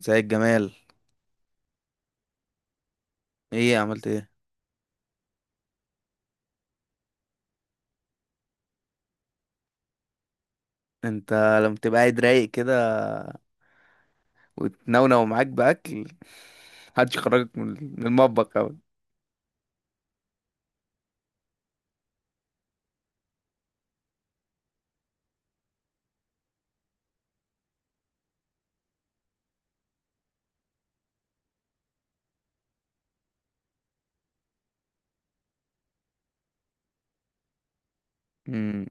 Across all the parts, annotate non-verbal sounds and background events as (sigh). زي الجمال. ايه، عملت ايه؟ انت لما تبقى قاعد رايق كده وتنونو معاك باكل (laughs) محدش يخرجك من المطبخ اوي. امم.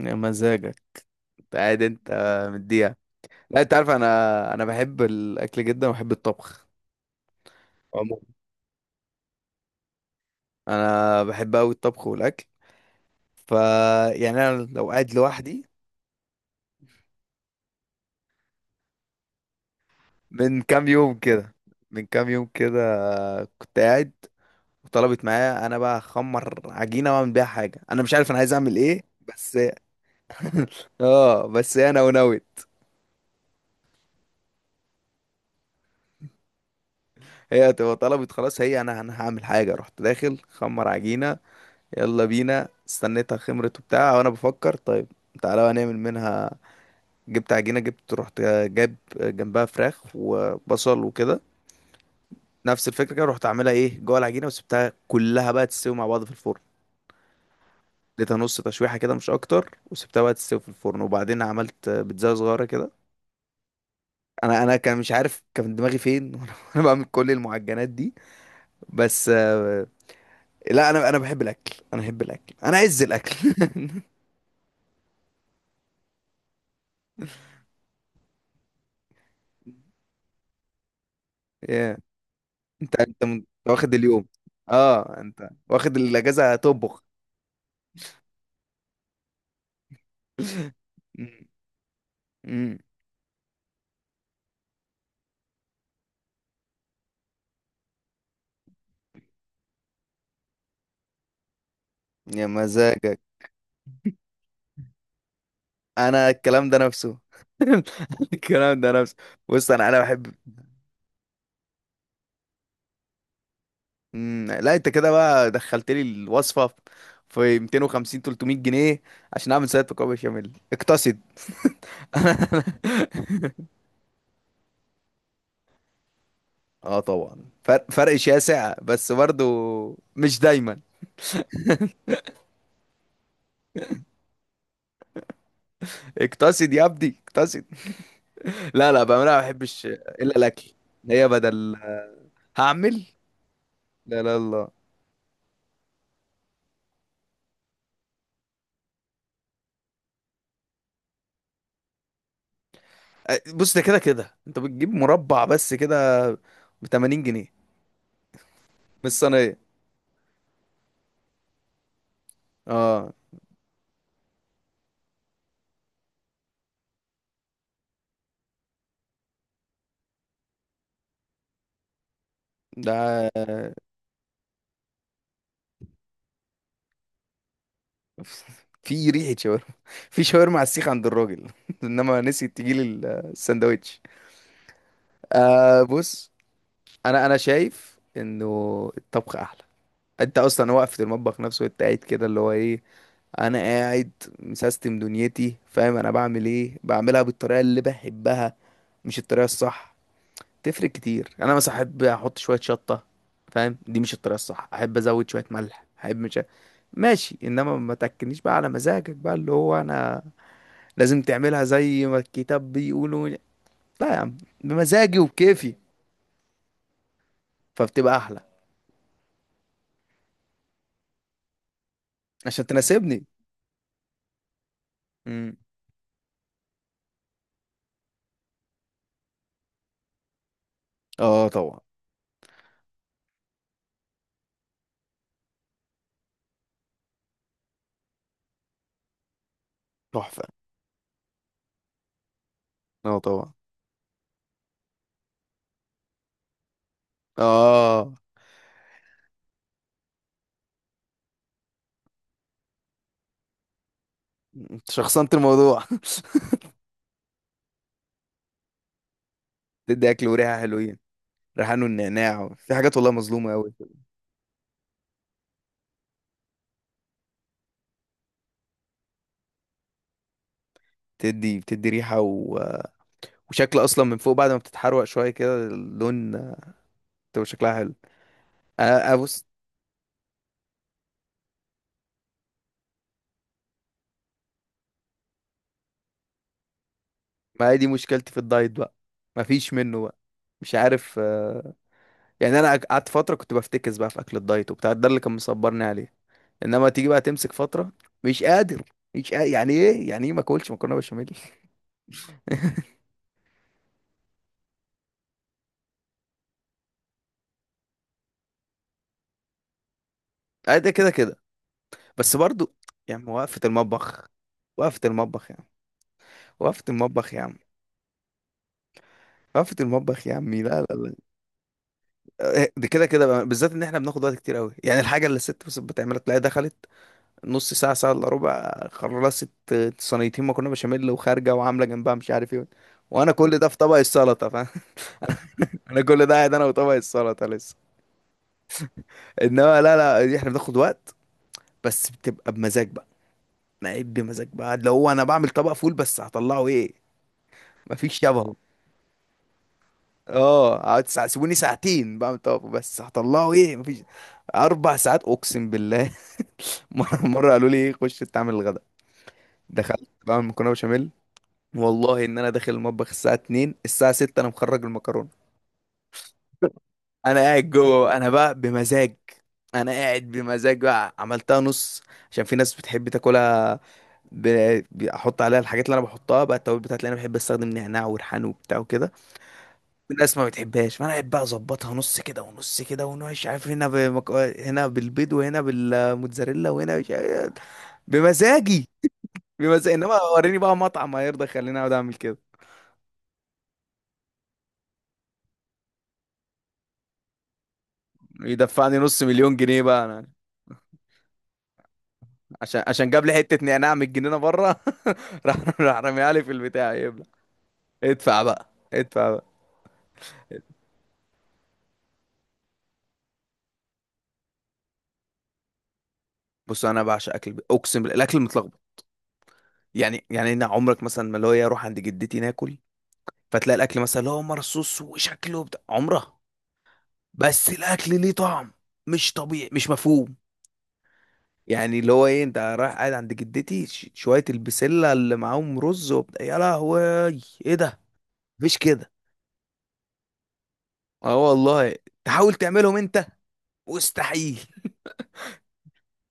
يا مزاجك. انت قاعد. انت مديها. لا انت عارف، انا بحب الاكل جدا وبحب الطبخ. عموما انا بحب اوي الطبخ والاكل. ف يعني انا لو قاعد لوحدي. من كام يوم كده من كام يوم كده كنت قاعد، وطلبت معايا انا بقى اخمر عجينه واعمل بيها حاجه، انا مش عارف انا عايز اعمل ايه. بس اه، بس هي نونوت. هي تبقى طلبت خلاص، هي انا هعمل حاجه، رحت داخل خمر عجينه. يلا بينا، استنيتها خمرت وبتاع وانا بفكر، طيب تعالى بقى نعمل منها. جبت عجينه، جبت، رحت جاب جنبها فراخ وبصل وكده. نفس الفكره كده، رحت عاملها ايه جوه العجينه، وسبتها كلها بقى تستوي مع بعض في الفرن. اديتها نص تشويحه كده، مش اكتر، وسبتها بقى تستوي في الفرن، وبعدين عملت بيتزا صغيره كده. انا كان مش عارف، كان دماغي فين (laughs) وانا بعمل كل المعجنات دي. بس. لا، انا بحب الاكل، انا بحب الاكل، انا عز الاكل. (laughs) يا. أنت واخد اليوم؟ اه انت واخد الاجازه، هتطبخ. (laughs) مم. مم. يا مزاجك. انا الكلام ده نفسه. (laughs) الكلام ده نفسه. بص انا بحب. مم. لا انت كده بقى دخلت لي الوصفه في 250 300 جنيه عشان اعمل سلطه مكرونه بشاميل؟ اقتصد. (laughs) اه طبعا. فرق شاسع بس برضو، مش دايما. اقتصد يا ابني، اقتصد. لا لا بقى، انا ما بحبش الا الاكل. هي بدل. هعمل. لا لا لا. بص، ده كده كده انت بتجيب مربع بس كده ب 80 جنيه من الصينيه. اه ده في ريحه شاورما. (laughs) في شاورما على السيخ عند الراجل (laughs) انما نسي تجيلي الساندوتش. آه بص، انا شايف انه الطبخ احلى. انت اصلا واقف في المطبخ نفسه، انت قاعد كده اللي هو ايه. انا قاعد، مسيستم دنيتي، فاهم. انا بعمل ايه، بعملها بالطريقه اللي بحبها، مش الطريقة الصح. تفرق كتير. يعني انا مثلا احب احط شوية شطة، فاهم. دي مش الطريقة الصح. احب ازود شوية ملح، احب، مش ماشي. انما ما تاكلنيش بقى على مزاجك بقى، اللي هو انا لازم تعملها زي ما الكتاب بيقولوا. لا يا عم، بمزاجي وبكيفي، فبتبقى احلى. عشان تناسبني. امم. اه طبعا. تحفة. اه طبعا. اه، انت شخصنت الموضوع. (laughs) تدي اكل وريحة حلوين. ريحان والنعناع، في حاجات والله مظلومة قوي. بتدي ريحة و... وشكل، اصلا من فوق بعد ما بتتحروق شويه كده، اللون بتبقى شكلها حلو. انا ابص. ما هي دي مشكلتي في الدايت بقى، مفيش منه بقى، مش عارف. يعني انا قعدت فتره كنت بفتكس بقى في اكل الدايت وبتاع، ده اللي كان مصبرني عليه. انما تيجي بقى تمسك فتره، مش قادر. مش قادر. يعني ايه، يعني ايه ما اكلش مكرونه بشاميل؟ (laughs) ده كده كده بس برضو. يعني وقفه المطبخ، وقفه المطبخ يا عم، وقفه المطبخ يا عم، وقفه المطبخ يا عمي، لا لا لا. آه، دي كده كده بقى، بالذات ان احنا بناخد وقت كتير قوي. يعني الحاجه اللي الست بس بتعملها، تلاقيها دخلت نص ساعه، ساعه الا ربع، خلصت صينيتين مكرونه بشاميل، وخارجه وعامله جنبها مش عارف ايه. وانا كل ده في طبق السلطه، فاهم. (laughs) انا كل ده قاعد انا وطبق السلطه لسه. انما لا لا، دي احنا بناخد وقت، بس بتبقى بمزاج بقى. انا قاعد بمزاج بقى، اللي هو انا بعمل طبق فول بس هطلعه ايه. مفيش شبهه. اه، اقعد سيبوني ساعتين بعمل طبق، بس هطلعه ايه، مفيش. اربع ساعات اقسم بالله. (laughs) مرة (laughs) مرة قالوا لي خش تعمل الغداء، دخلت بعمل مكرونة بشاميل. والله ان انا داخل المطبخ الساعة 2، الساعة 6 انا مخرج المكرونة. انا قاعد جوه انا بقى بمزاج. انا قاعد بمزاج بقى، عملتها نص عشان في ناس بتحب تاكلها. بحط عليها الحاجات اللي انا بحطها بقى، التوابل بتاعتي اللي انا بحب استخدم، نعناع وريحان وبتاع وكده. في ناس ما بتحبهاش، فانا قاعد بقى اظبطها نص كده ونص كده، ونوش عارف، هنا هنا بالبيض، وهنا بالموتزاريلا، وهنا مش عارف- إيه. بمزاجي. بس انما وريني بقى مطعم هيرضى يخليني اقعد اعمل كده. يدفعني نص مليون جنيه بقى انا، عشان جاب لي حته نعناع من الجنينه بره. (laughs) راح رميها لي في البتاع يبلع. ادفع بقى، ادفع بقى. بص، انا بعشق اكل البيت. اقسم بالله الاكل متلخبط. يعني انا عمرك مثلا ما، اللي هو إيه، اروح عند جدتي ناكل، فتلاقي الاكل مثلا اللي هو مرصوص وشكله بتاع عمره، بس الاكل ليه طعم، مش طبيعي، مش مفهوم. يعني اللي هو ايه، انت رايح قاعد عند جدتي، شوية البسلة اللي معاهم رز وبتاع، يا لهوي ايه ده. مفيش كده. اه والله. تحاول تعملهم انت، مستحيل. (laughs)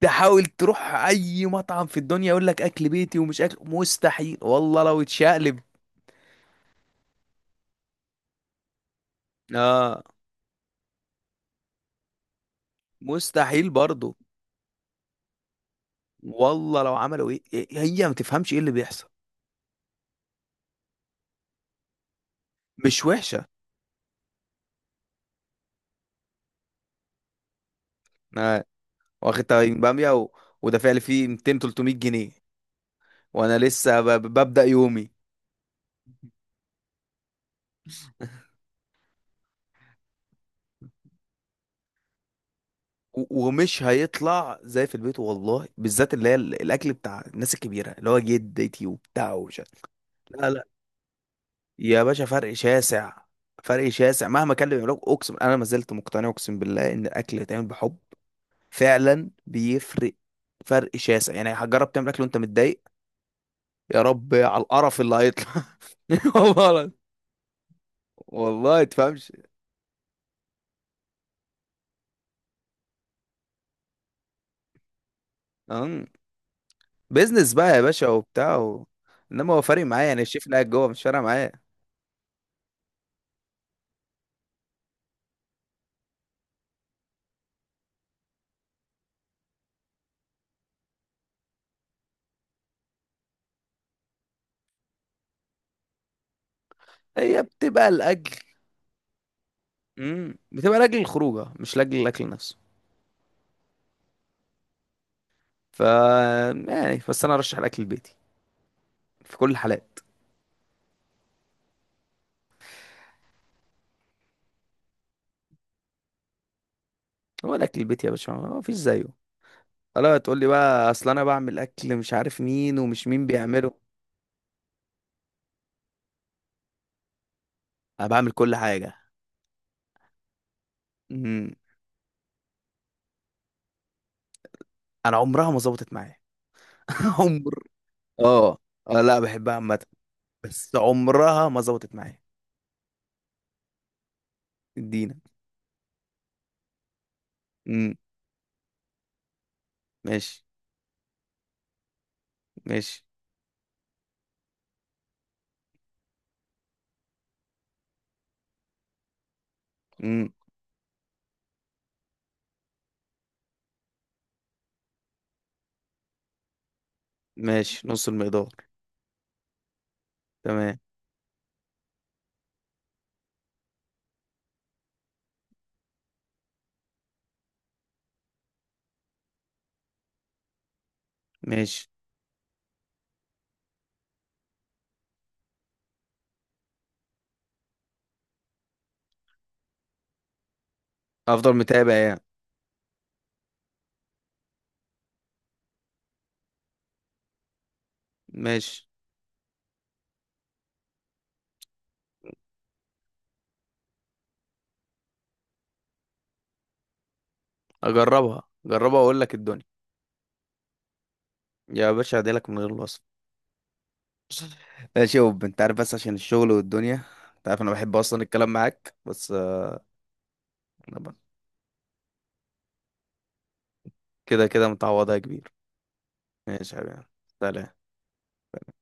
تحاول تروح اي مطعم في الدنيا يقول لك اكل بيتي، ومش اكل، مستحيل والله لو اتشقلب. اه مستحيل برضه. والله لو عملوا ايه، هي ما تفهمش ايه اللي بيحصل. مش وحشة. آه. واخد طبعين بامية و... وده فعلا فيه 200 300 جنيه، وانا لسه ببدأ يومي. ومش هيطلع زي في البيت، والله بالذات اللي هي الاكل بتاع الناس الكبيره اللي هو جدتي وبتاع وش. لا لا يا باشا، فرق شاسع. فرق شاسع مهما كان اللي بيعملوه، اقسم انا ما زلت مقتنع، اقسم بالله ان الاكل اللي يتعمل بحب فعلا بيفرق. فرق شاسع. يعني هتجرب تعمل اكل وانت متضايق، يا رب على القرف اللي هيطلع. (laughs) والله. والله تفهمش. بيزنس بقى يا باشا وبتاع و... انما هو فارق معايا. يعني الشيف اللي قاعد جوه، مش فارق معايا. هي بتبقى الاكل. بتبقى لاجل الخروجه، مش لاجل الاكل نفسه. ف يعني بس انا ارشح الاكل البيتي في كل الحالات. هو الاكل البيتي يا باشا، ما فيش زيه. الا تقول لي بقى، اصل انا بعمل اكل مش عارف مين ومش مين بيعمله. انا بعمل كل حاجه. امم. انا عمرها ما ظبطت معايا. (laughs) عمر. اه. اه لا، بحبها عامه، بس عمرها ما ظبطت معايا. ادينا. امم. ماشي. ماشي. امم. ماشي، نص المقدار. تمام. ماشي. افضل متابع يعني. ماشي. اجربها، جربها واقول لك الدنيا. يا باشا هديلك من غير الوصف. ماشي يا وب، انت عارف بس عشان الشغل والدنيا. انت عارف انا بحب اصلا الكلام معاك، بس كده كده متعوضها يا كبير. ماشي يا حبيبي. سلام.